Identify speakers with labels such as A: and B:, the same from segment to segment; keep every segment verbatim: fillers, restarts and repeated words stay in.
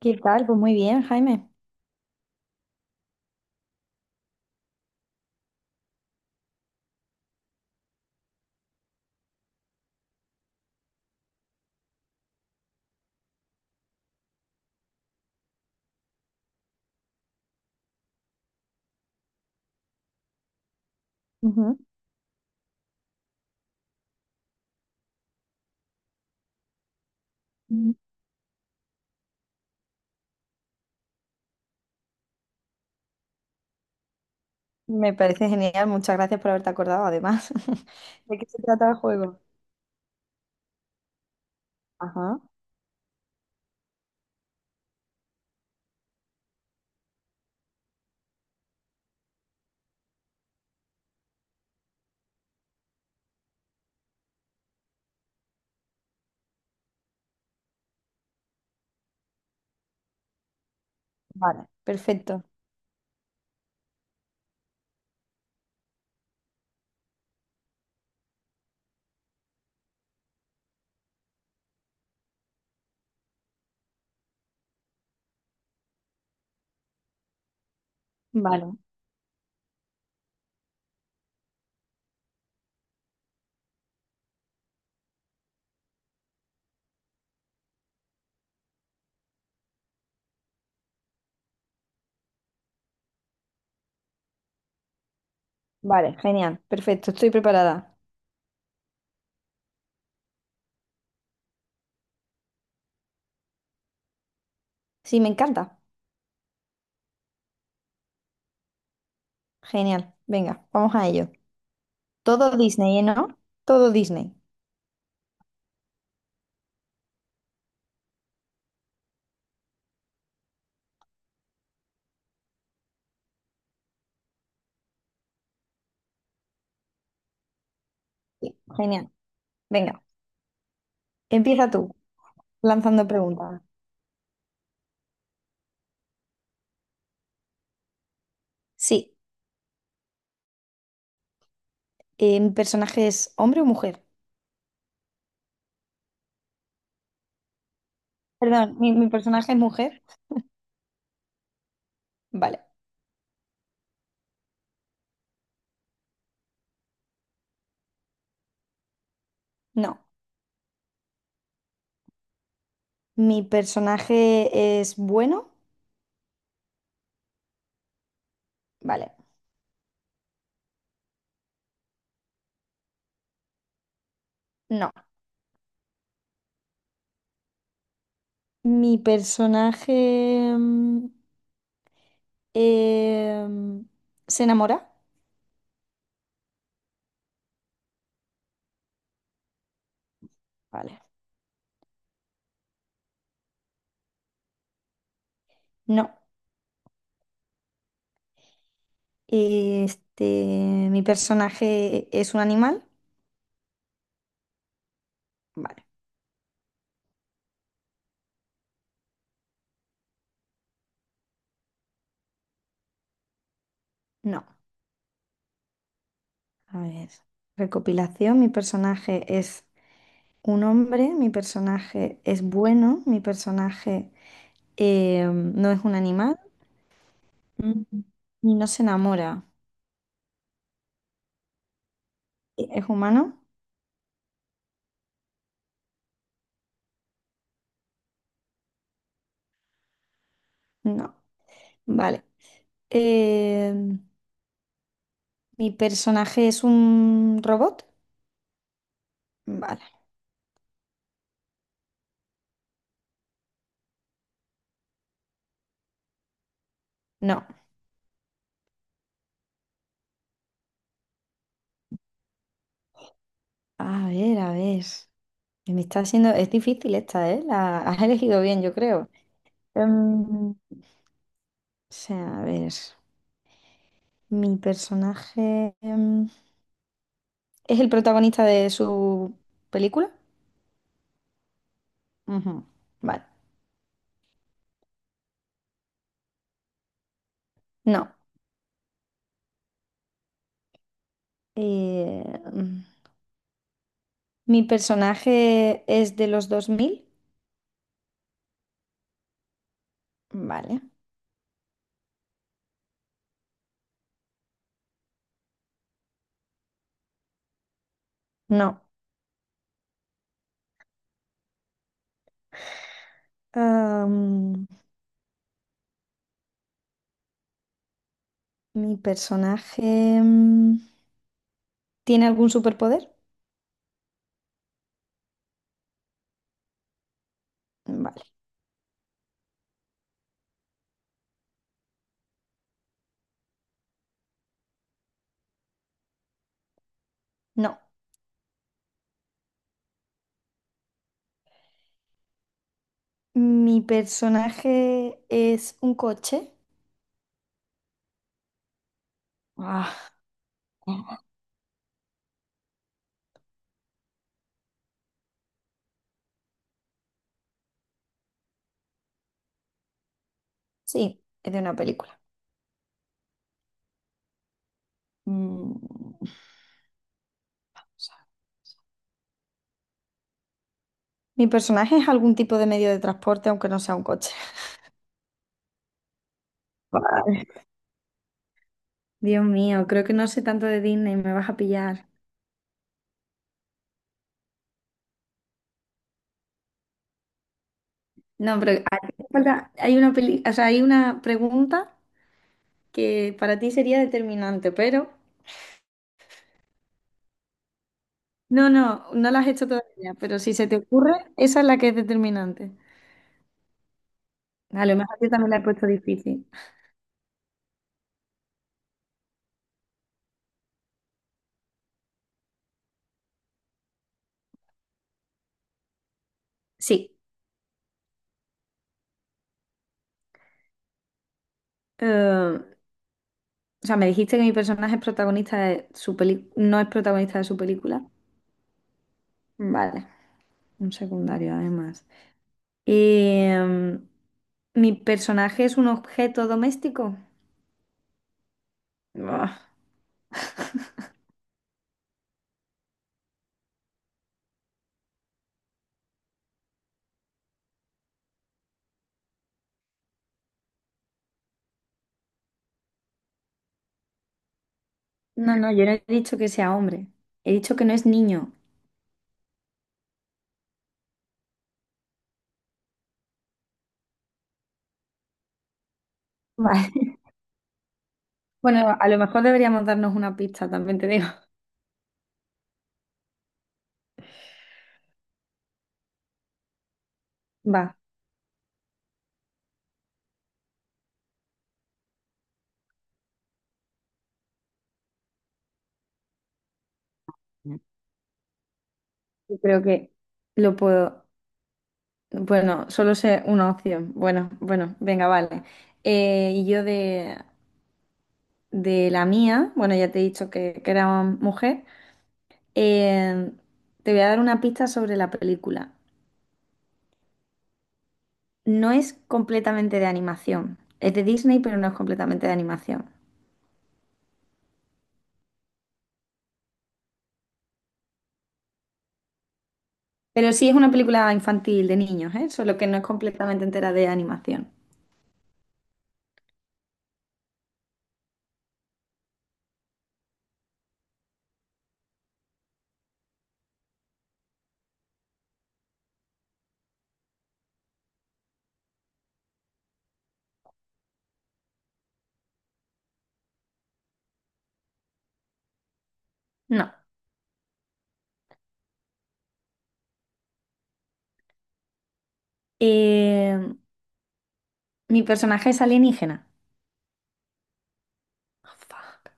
A: ¿Qué tal? Pues muy bien, Jaime. Ujú. Ujú. Me parece genial. Muchas gracias por haberte acordado, además. ¿De qué se trata el juego? Ajá, vale, perfecto. Vale, vale, genial, perfecto. Estoy preparada. Sí, me encanta. Genial. Venga, vamos a ello. Todo Disney, ¿eh?, ¿no? Todo Disney. Sí, genial. Venga, empieza tú, lanzando preguntas. Sí, eh, ¿mi personaje es hombre o mujer? Perdón, ¿mi, mi personaje es mujer? Vale, no. ¿Mi personaje es bueno? Vale, no. Mi personaje mm, em, se enamora. Vale, no. Este, mi personaje es un animal. Vale, no. A ver, recopilación. Mi personaje es un hombre. Mi personaje es bueno. Mi personaje em, no es un animal. Mm. Y no se enamora. ¿Es humano? No. Vale. Em, ¿Mi personaje es un robot? Vale. No. A ver, a ver. Me está haciendo... Es difícil esta, ¿eh? La has elegido bien, yo creo. Em, o sea, a ver. ¿Mi personaje em, es el protagonista de su película? Ujú. Vale. No. Eh, mm, ¿mi personaje es de los dos mil? Vale. No. Am, ¿mi personaje em, tiene algún superpoder? Vale. No. Mi personaje es un coche. Ah, sí, es de una película. Mm, Mi personaje es algún tipo de medio de transporte, aunque no sea un coche. Vale. Dios mío, creo que no sé tanto de Disney, me vas a pillar. No, pero a ti te falta- hay una peli- o sea, hay una pregunta que para ti sería determinante, pero no, no, no la has hecho todavía, pero si se te ocurre, esa es la que es determinante. A lo mejor yo también la he puesto difícil. Sí. Eh, o sea, me dijiste que mi personaje es protagonista de su peli- no es protagonista de su película. Vale, un secundario además. Eh, ¿mi personaje es un objeto doméstico? Buah. No, no, yo no he dicho que sea hombre. He dicho que no es niño. Vale. Bueno, a lo mejor deberíamos darnos una pista, también te digo. Va, yo creo que lo puedo. Bueno, solo sé una opción. Bueno, bueno, venga, vale. Eh, y yo de de la mía, bueno, ya te he dicho que, que era mujer, eh, te voy a dar una pista sobre la película. No es completamente de animación, es de Disney, pero no es completamente de animación. Pero sí es una película infantil de niños, ¿eh? Solo que no es completamente entera de animación. No. Eh, mi personaje es alienígena. Oh, fuck.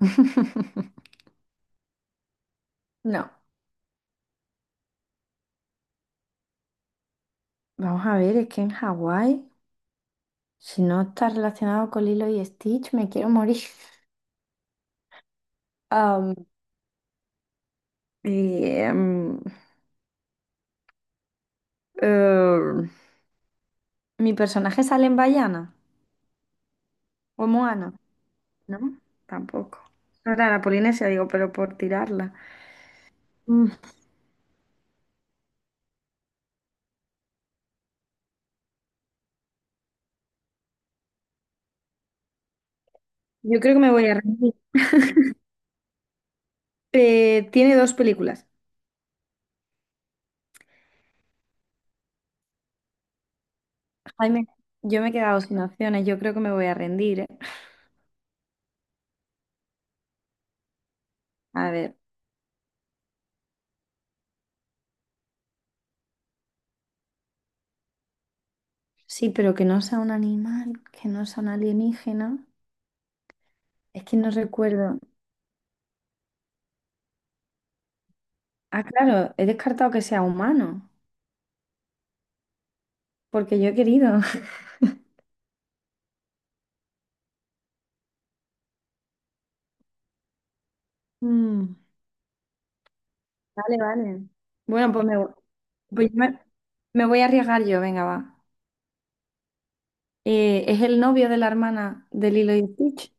A: No. Vamos a ver, es que en Hawái, si no está relacionado con Lilo y Stitch, me quiero morir. Y, em, eh, mi personaje sale en Bayana o en Moana, ¿no? Tampoco. No era la Polinesia, digo, pero por tirarla. Mm, yo creo que me voy a rendir. Eh, tiene dos películas. Jaime, yo me he quedado sin opciones, yo creo que me voy a rendir, ¿eh? A ver, sí, pero que no sea un animal, que no sea un alienígena. Es que no recuerdo. Ah, claro, he descartado que sea humano, porque yo he querido. Mm. Vale, vale. Bueno, pues me, vo- pues yo me, me voy a arriesgar yo, venga, va. Eh, es el novio de la hermana de Lilo y Stitch.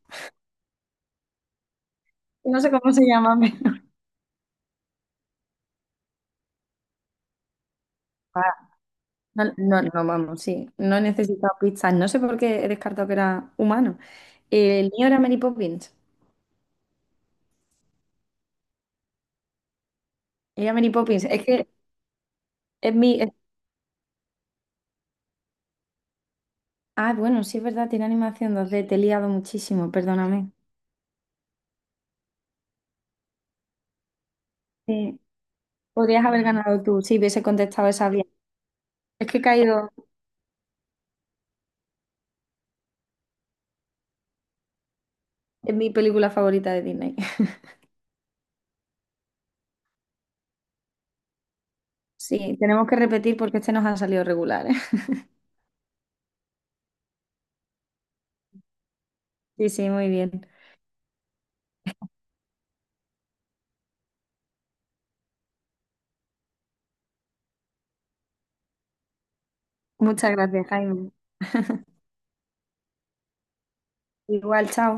A: No sé cómo se llama. Ah, no, no, no, vamos, sí. No he necesitado pistas. No sé por qué he descartado que era humano. Eh, el mío era Mary Poppins. Era Mary Poppins. Es que es mi... es- Ah, bueno, sí es verdad, tiene animación dos D. Te he liado muchísimo, perdóname. Sí, podrías haber ganado tú si hubiese contestado esa bien. Es que he caído en mi película favorita de Disney. Sí, tenemos que repetir porque este nos ha salido regular, ¿eh? Sí, sí, muy bien. Muchas gracias, Jaime. Igual, chao.